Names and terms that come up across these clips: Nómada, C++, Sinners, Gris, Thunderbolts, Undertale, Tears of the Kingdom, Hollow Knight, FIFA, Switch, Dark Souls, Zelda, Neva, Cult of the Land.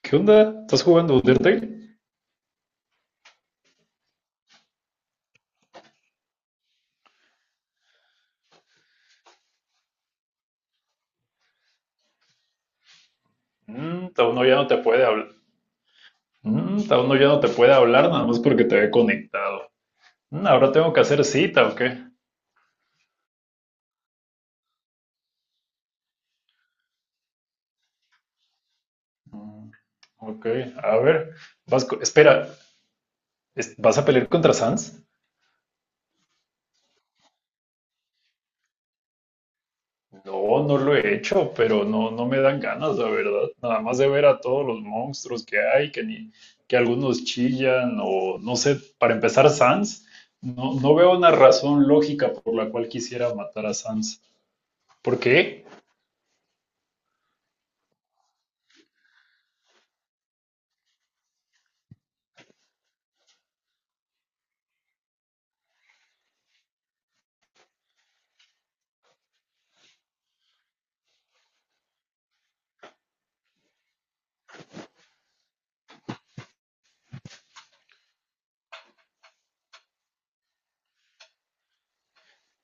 ¿Qué onda? ¿Estás jugando Undertale? Uno ya no te puede hablar. Uno ya no te puede hablar nada más porque te ve conectado. Ahora tengo que hacer cita, ¿o qué? Mm, ok, a ver. Espera, ¿vas a pelear contra Sans? No, no lo he hecho, pero no, no me dan ganas, la verdad. Nada más de ver a todos los monstruos que hay, que algunos chillan, o no sé, para empezar, Sans. No, no veo una razón lógica por la cual quisiera matar a Sans. ¿Por qué?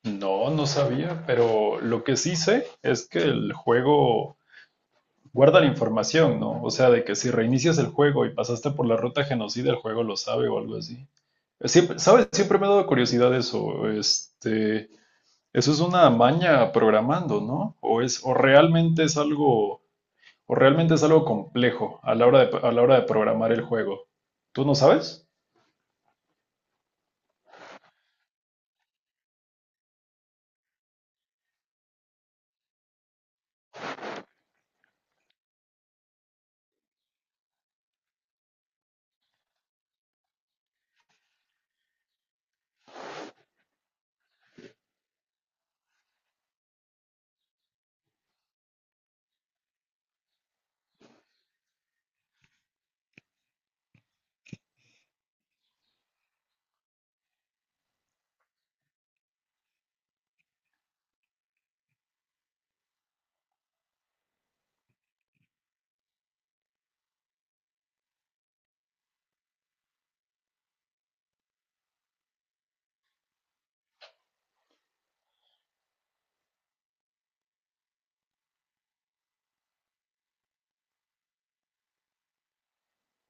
No, no sabía, pero lo que sí sé es que el juego guarda la información, ¿no? O sea, de que si reinicias el juego y pasaste por la ruta genocida, el juego lo sabe o algo así. Siempre, ¿sabes? Siempre me ha dado curiosidad eso. Este, eso es una maña programando, ¿no? O realmente es algo. O realmente es algo complejo a la hora de programar el juego. ¿Tú no sabes?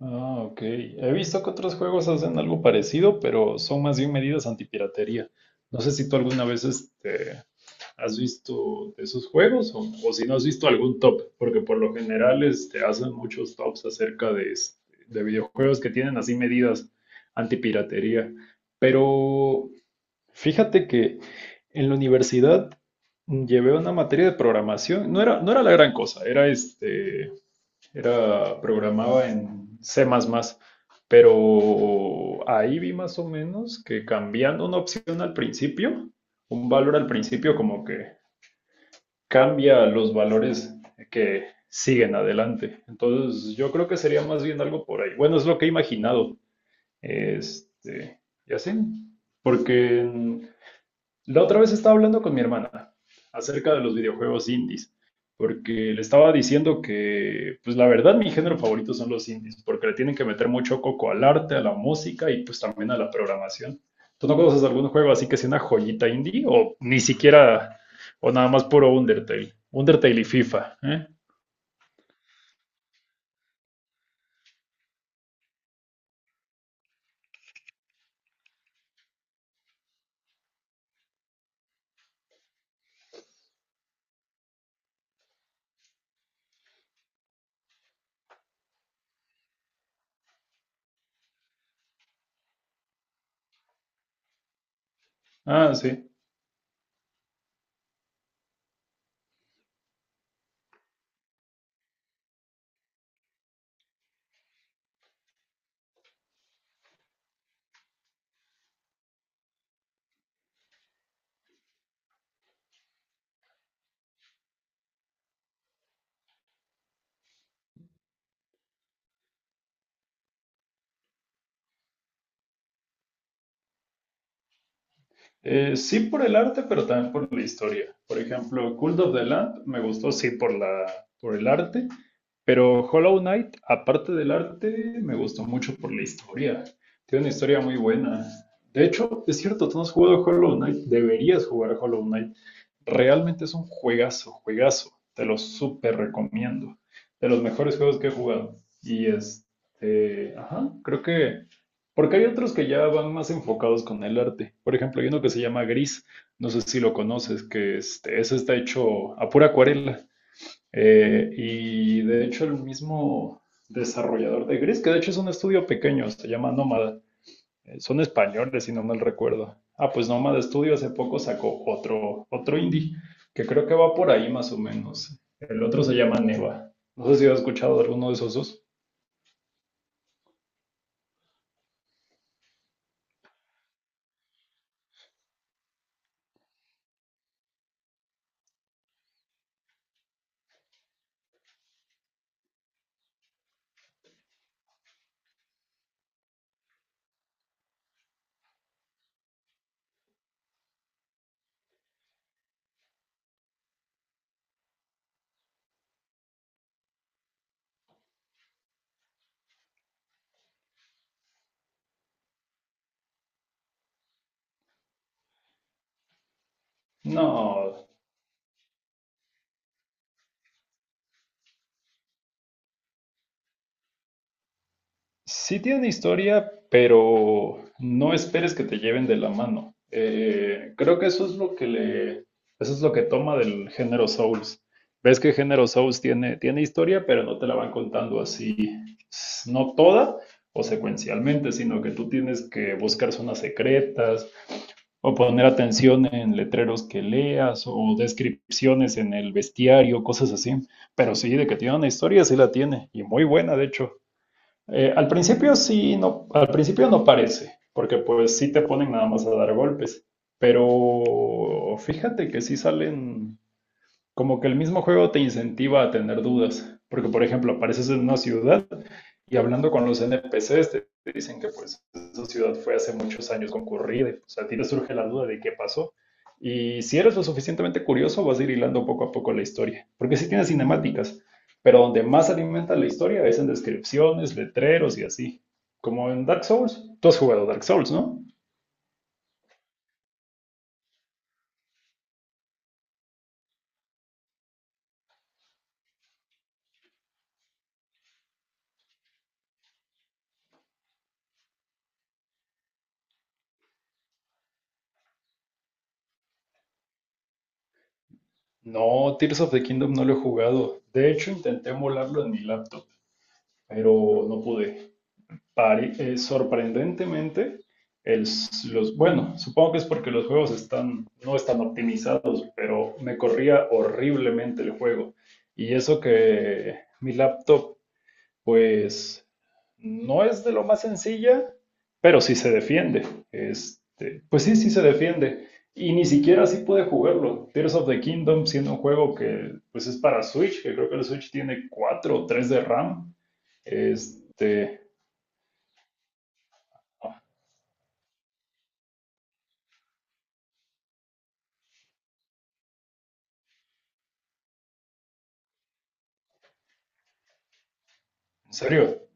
Ah, ok. He visto que otros juegos hacen algo parecido, pero son más bien medidas antipiratería. No sé si tú alguna vez has visto de esos juegos, o si no has visto algún top, porque por lo general hacen muchos tops acerca de, de videojuegos que tienen así medidas antipiratería. Pero fíjate que en la universidad llevé una materia de programación. No era la gran cosa, programaba en C++, pero ahí vi más o menos que cambiando una opción al principio, un valor al principio como que cambia los valores que siguen adelante. Entonces yo creo que sería más bien algo por ahí. Bueno, es lo que he imaginado. Este, ya sé, porque la otra vez estaba hablando con mi hermana acerca de los videojuegos indies, porque le estaba diciendo que, pues la verdad, mi género favorito son los indies, porque le tienen que meter mucho coco al arte, a la música y pues también a la programación. ¿Tú no conoces algún juego así que sea una joyita indie? O ni siquiera, o nada más puro Undertale. Undertale y FIFA, ¿eh? Ah, sí. Sí por el arte, pero también por la historia. Por ejemplo, Cult of the Land me gustó, sí, por el arte, pero Hollow Knight, aparte del arte, me gustó mucho por la historia. Tiene una historia muy buena. De hecho, es cierto, tú no has jugado Hollow Knight, deberías jugar Hollow Knight. Realmente es un juegazo, juegazo. Te lo súper recomiendo. De los mejores juegos que he jugado. Y este, ajá, creo que porque hay otros que ya van más enfocados con el arte. Por ejemplo, hay uno que se llama Gris, no sé si lo conoces, que este, ese está hecho a pura acuarela. Y de hecho el mismo desarrollador de Gris, que de hecho es un estudio pequeño, se llama Nómada. Son españoles, si no mal recuerdo. Ah, pues Nómada Studio hace poco sacó otro indie, que creo que va por ahí más o menos. El otro se llama Neva. No sé si has escuchado de alguno de esos dos. No. Sí tiene historia, pero no esperes que te lleven de la mano. Creo que eso es lo que toma del género Souls. Ves que el género Souls tiene historia, pero no te la van contando así, no toda o secuencialmente, sino que tú tienes que buscar zonas secretas o poner atención en letreros que leas o descripciones en el bestiario, cosas así. Pero sí, de que tiene una historia, sí la tiene, y muy buena, de hecho. Al principio sí, no, al principio no parece, porque pues sí te ponen nada más a dar golpes, pero fíjate que sí salen, como que el mismo juego te incentiva a tener dudas, porque por ejemplo apareces en una ciudad y hablando con los NPCs, te dicen que pues esa ciudad fue hace muchos años concurrida. O sea, a ti te surge la duda de qué pasó. Y si eres lo suficientemente curioso, vas a ir hilando poco a poco la historia. Porque sí tiene cinemáticas, pero donde más alimenta la historia es en descripciones, letreros y así. Como en Dark Souls. Tú has jugado Dark Souls, ¿no? No, Tears of the Kingdom no lo he jugado. De hecho, intenté emularlo en mi laptop, pero no pude. Sorprendentemente, bueno, supongo que es porque los juegos están, no están optimizados, pero me corría horriblemente el juego. Y eso que mi laptop, pues, no es de lo más sencilla, pero sí se defiende. Este, pues sí, sí se defiende. Y ni siquiera así pude jugarlo. Tears of the Kingdom, siendo un juego que, pues, es para Switch, que creo que el Switch tiene 4 o 3 de RAM. Este, en serio.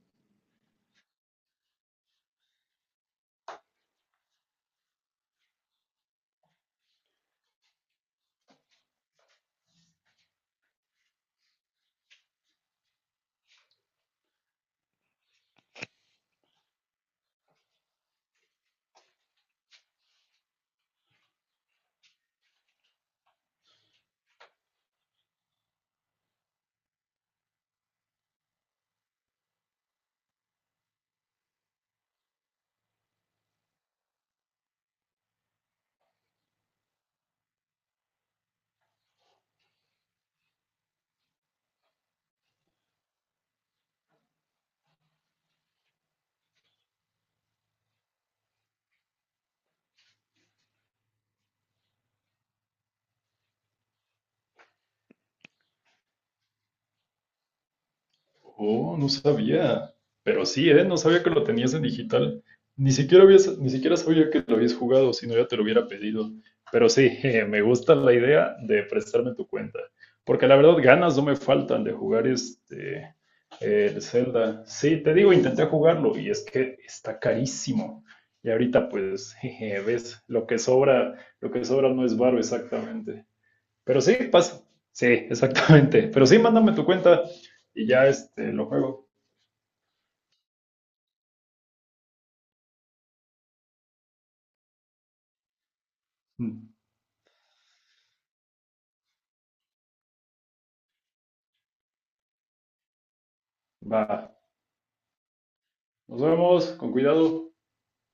Oh, no sabía. Pero sí, ¿eh? No sabía que lo tenías en digital. Ni siquiera sabía que lo habías jugado, si no ya te lo hubiera pedido. Pero sí, jeje, me gusta la idea de prestarme tu cuenta. Porque la verdad, ganas no me faltan de jugar este el Zelda. Sí, te digo, intenté jugarlo y es que está carísimo. Y ahorita, pues, jeje, ves, lo que sobra no es varo exactamente. Pero sí, pasa. Sí, exactamente. Pero sí, mándame tu cuenta y ya este, lo juego. Mm. Va. Nos vemos, con cuidado.